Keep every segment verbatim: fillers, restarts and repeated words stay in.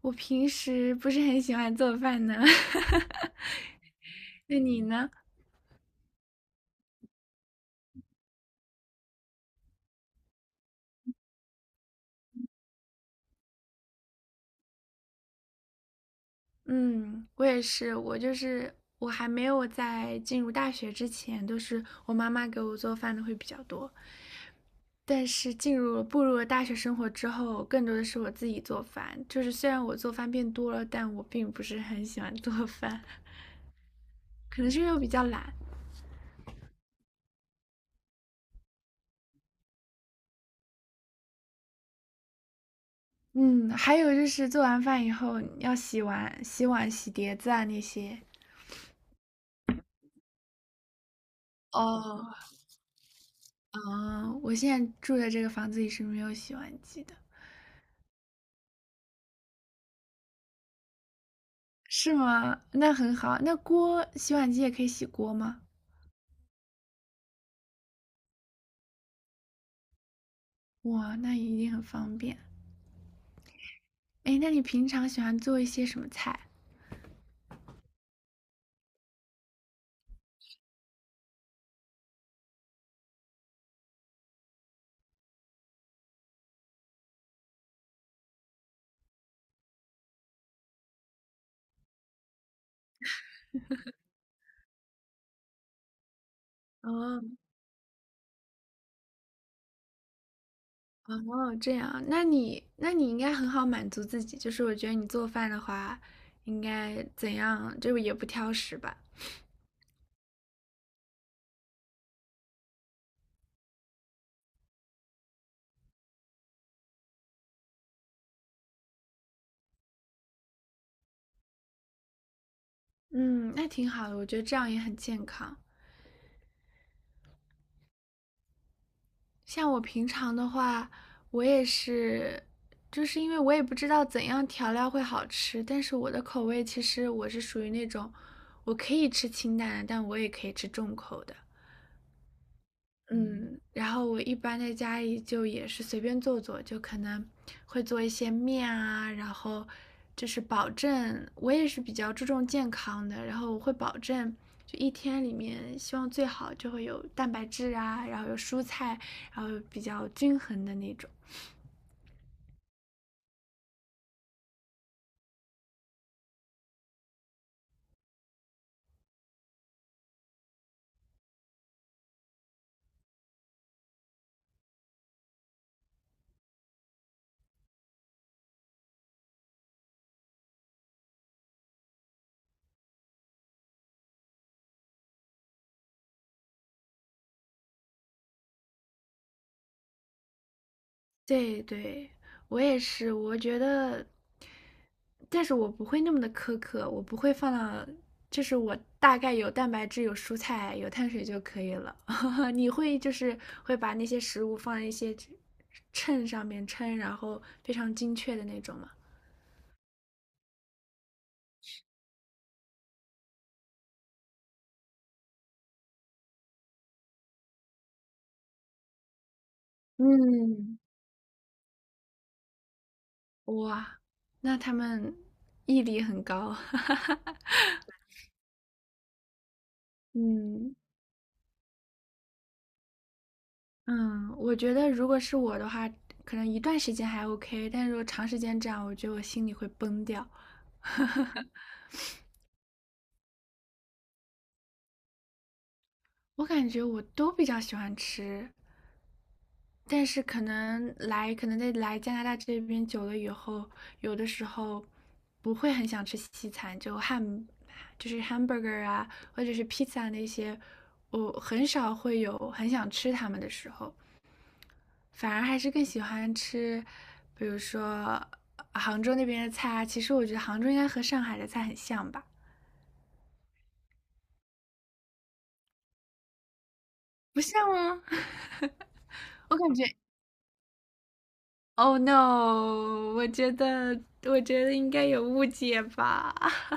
我平时不是很喜欢做饭呢。那你呢？嗯，我也是，我就是我还没有在进入大学之前，都是我妈妈给我做饭的会比较多。但是进入了步入了大学生活之后，更多的是我自己做饭。就是虽然我做饭变多了，但我并不是很喜欢做饭，可能是因为我比较懒。嗯，还有就是做完饭以后你要洗碗、洗碗、洗碟子啊那些。哦，啊，我现在住的这个房子里是没有洗碗机的。是吗？那很好，那锅洗碗机也可以洗锅吗？哇，那一定很方便。哎，那你平常喜欢做一些什么菜？哦。哦，这样，那你那你应该很好满足自己，就是我觉得你做饭的话，应该怎样，就是也不挑食吧。嗯，那挺好的，我觉得这样也很健康。像我平常的话，我也是，就是因为我也不知道怎样调料会好吃，但是我的口味其实我是属于那种，我可以吃清淡的，但我也可以吃重口的。嗯。嗯然后我一般在家里就也是随便做做，就可能会做一些面啊，然后就是保证我也是比较注重健康的，然后我会保证就一天里面希望最好就会有蛋白质啊，然后有蔬菜，然后比较均衡的那种。对对，我也是，我觉得但是我不会那么的苛刻，我不会放到，就是我大概有蛋白质、有蔬菜、有碳水就可以了。你会就是会把那些食物放在一些秤上面称，然后非常精确的那种吗？嗯。哇，那他们毅力很高。嗯。嗯，我觉得如果是我的话，可能一段时间还 OK，但如果长时间这样，我觉得我心里会崩掉。我感觉我都比较喜欢吃但是可能来，可能在来加拿大这边久了以后，有的时候不会很想吃西餐，就汉就是 hamburger 啊，或者是 pizza 那些，我很少会有很想吃它们的时候，反而还是更喜欢吃，比如说杭州那边的菜啊。其实我觉得杭州应该和上海的菜很像吧？不像吗？我感觉，Oh no！我觉得，我觉得应该有误解吧。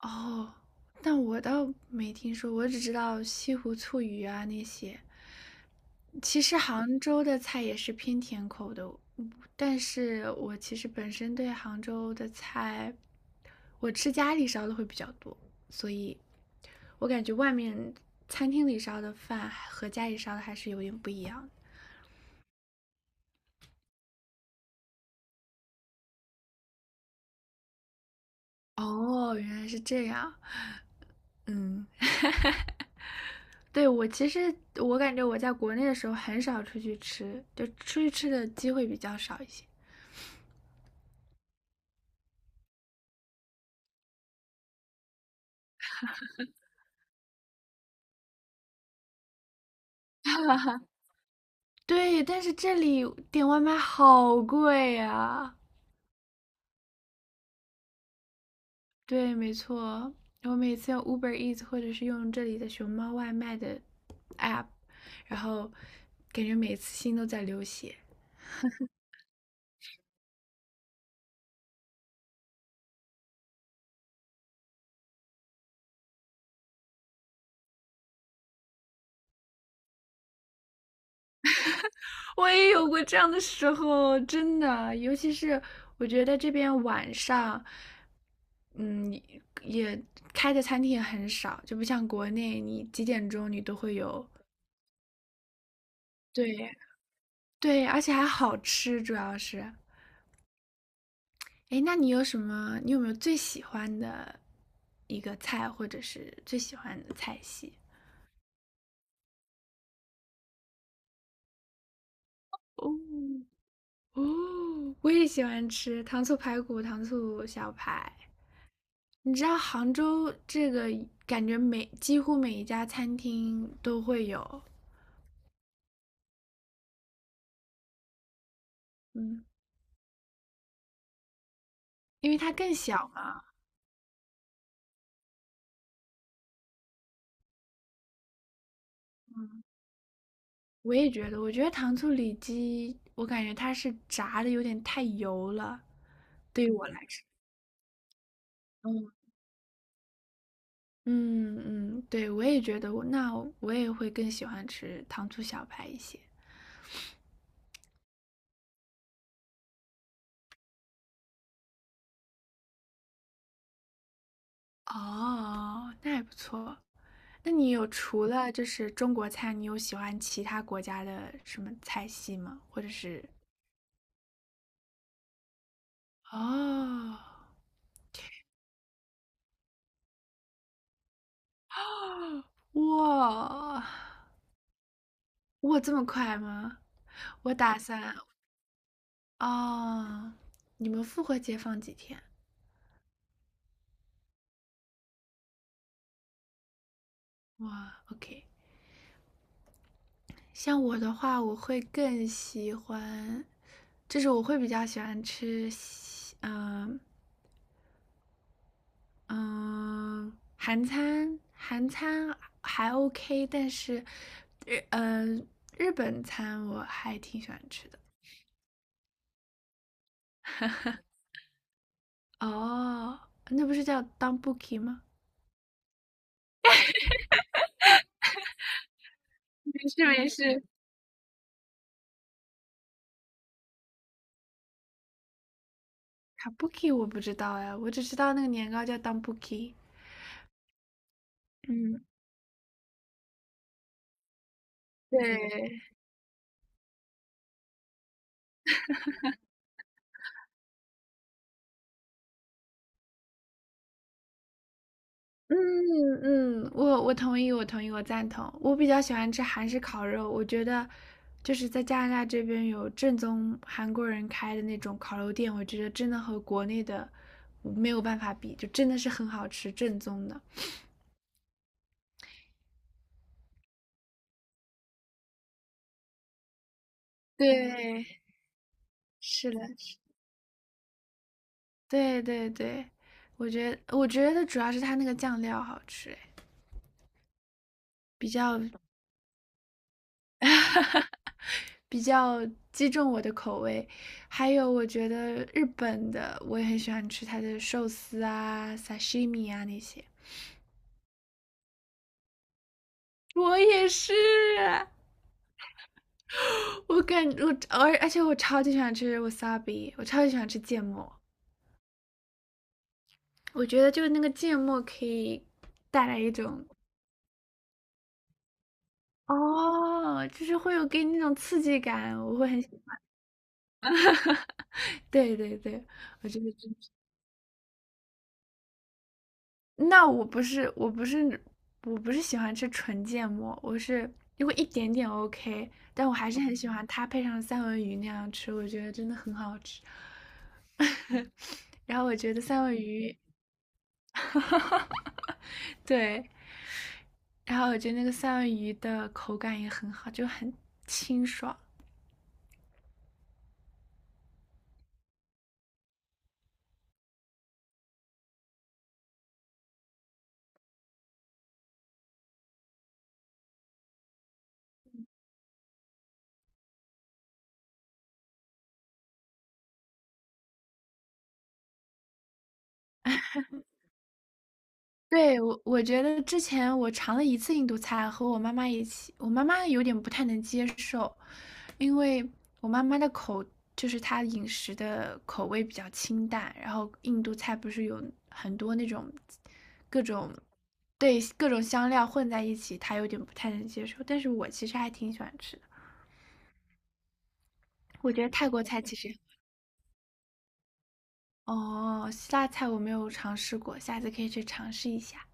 哦，但我倒没听说，我只知道西湖醋鱼啊那些。其实杭州的菜也是偏甜口的，嗯但是我其实本身对杭州的菜，我吃家里烧的会比较多，所以我感觉外面餐厅里烧的饭和家里烧的还是有点不一样的。哦，原来是这样。嗯，对，我其实我感觉我在国内的时候很少出去吃，就出去吃的机会比较少一些。对，但是这里点外卖好贵呀。对，没错，我每次用 Uber Eats 或者是用这里的熊猫外卖的 app，然后感觉每次心都在流血。我也有过这样的时候，真的，尤其是我觉得这边晚上，嗯，也开的餐厅也很少，就不像国内，你几点钟你都会有。对。对，而且还好吃，主要是。哎，那你有什么？你有没有最喜欢的一个菜，或者是最喜欢的菜系？哦。哦，我也喜欢吃糖醋排骨、糖醋小排。你知道杭州这个感觉每几乎每一家餐厅都会有，嗯，因为它更小嘛。我也觉得，我觉得糖醋里脊，我感觉它是炸的有点太油了，对于我来说。嗯。嗯。嗯，对，我也觉得我，那我也会更喜欢吃糖醋小排一些。哦，那还不错。那你有除了就是中国菜，你有喜欢其他国家的什么菜系吗？或者是哦。哇。哇，这么快吗？我打算。哦，你们复活节放几天？哇，OK。像我的话，我会更喜欢，就是我会比较喜欢吃西，嗯嗯，韩餐，韩餐还 OK，但是日嗯日本餐我还挺喜欢吃的。哦，那不是叫 d o n b u k i 吗？没事没事，卡布奇 u 我不知道哎，我只知道那个年糕叫 Danbuki。嗯，对，嗯嗯，我我同意，我同意，我赞同。我比较喜欢吃韩式烤肉，我觉得就是在加拿大这边有正宗韩国人开的那种烤肉店，我觉得真的和国内的没有办法比，就真的是很好吃，正宗的。对，是的，对对对，我觉得我觉得主要是它那个酱料好吃，哎，比较比较击中我的口味。还有，我觉得日本的我也很喜欢吃它的寿司啊、sashimi 啊那些。我也是，我感我而而且我超级喜欢吃 wasabi，我超级喜欢吃芥末。我觉得就是那个芥末可以带来一种哦，就是会有给你那种刺激感，我会很喜对对对，我觉得那我不是，我不是，我不是喜欢吃纯芥末，我是如果一点点 OK，但我还是很喜欢它配上三文鱼那样吃，我觉得真的很好吃。然后我觉得三文鱼，对，然后我觉得那个三文鱼的口感也很好，就很清爽。对，我我觉得之前我尝了一次印度菜，和我妈妈一起，我妈妈有点不太能接受，因为我妈妈的口就是她饮食的口味比较清淡，然后印度菜不是有很多那种各种对各种香料混在一起，她有点不太能接受。但是我其实还挺喜欢吃的，我觉得泰国菜其实哦，希腊菜我没有尝试过，下次可以去尝试一下。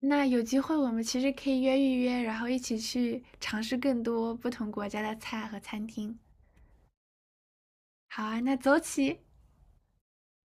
那有机会我们其实可以约一约，然后一起去尝试更多不同国家的菜和餐厅。好啊，那走起！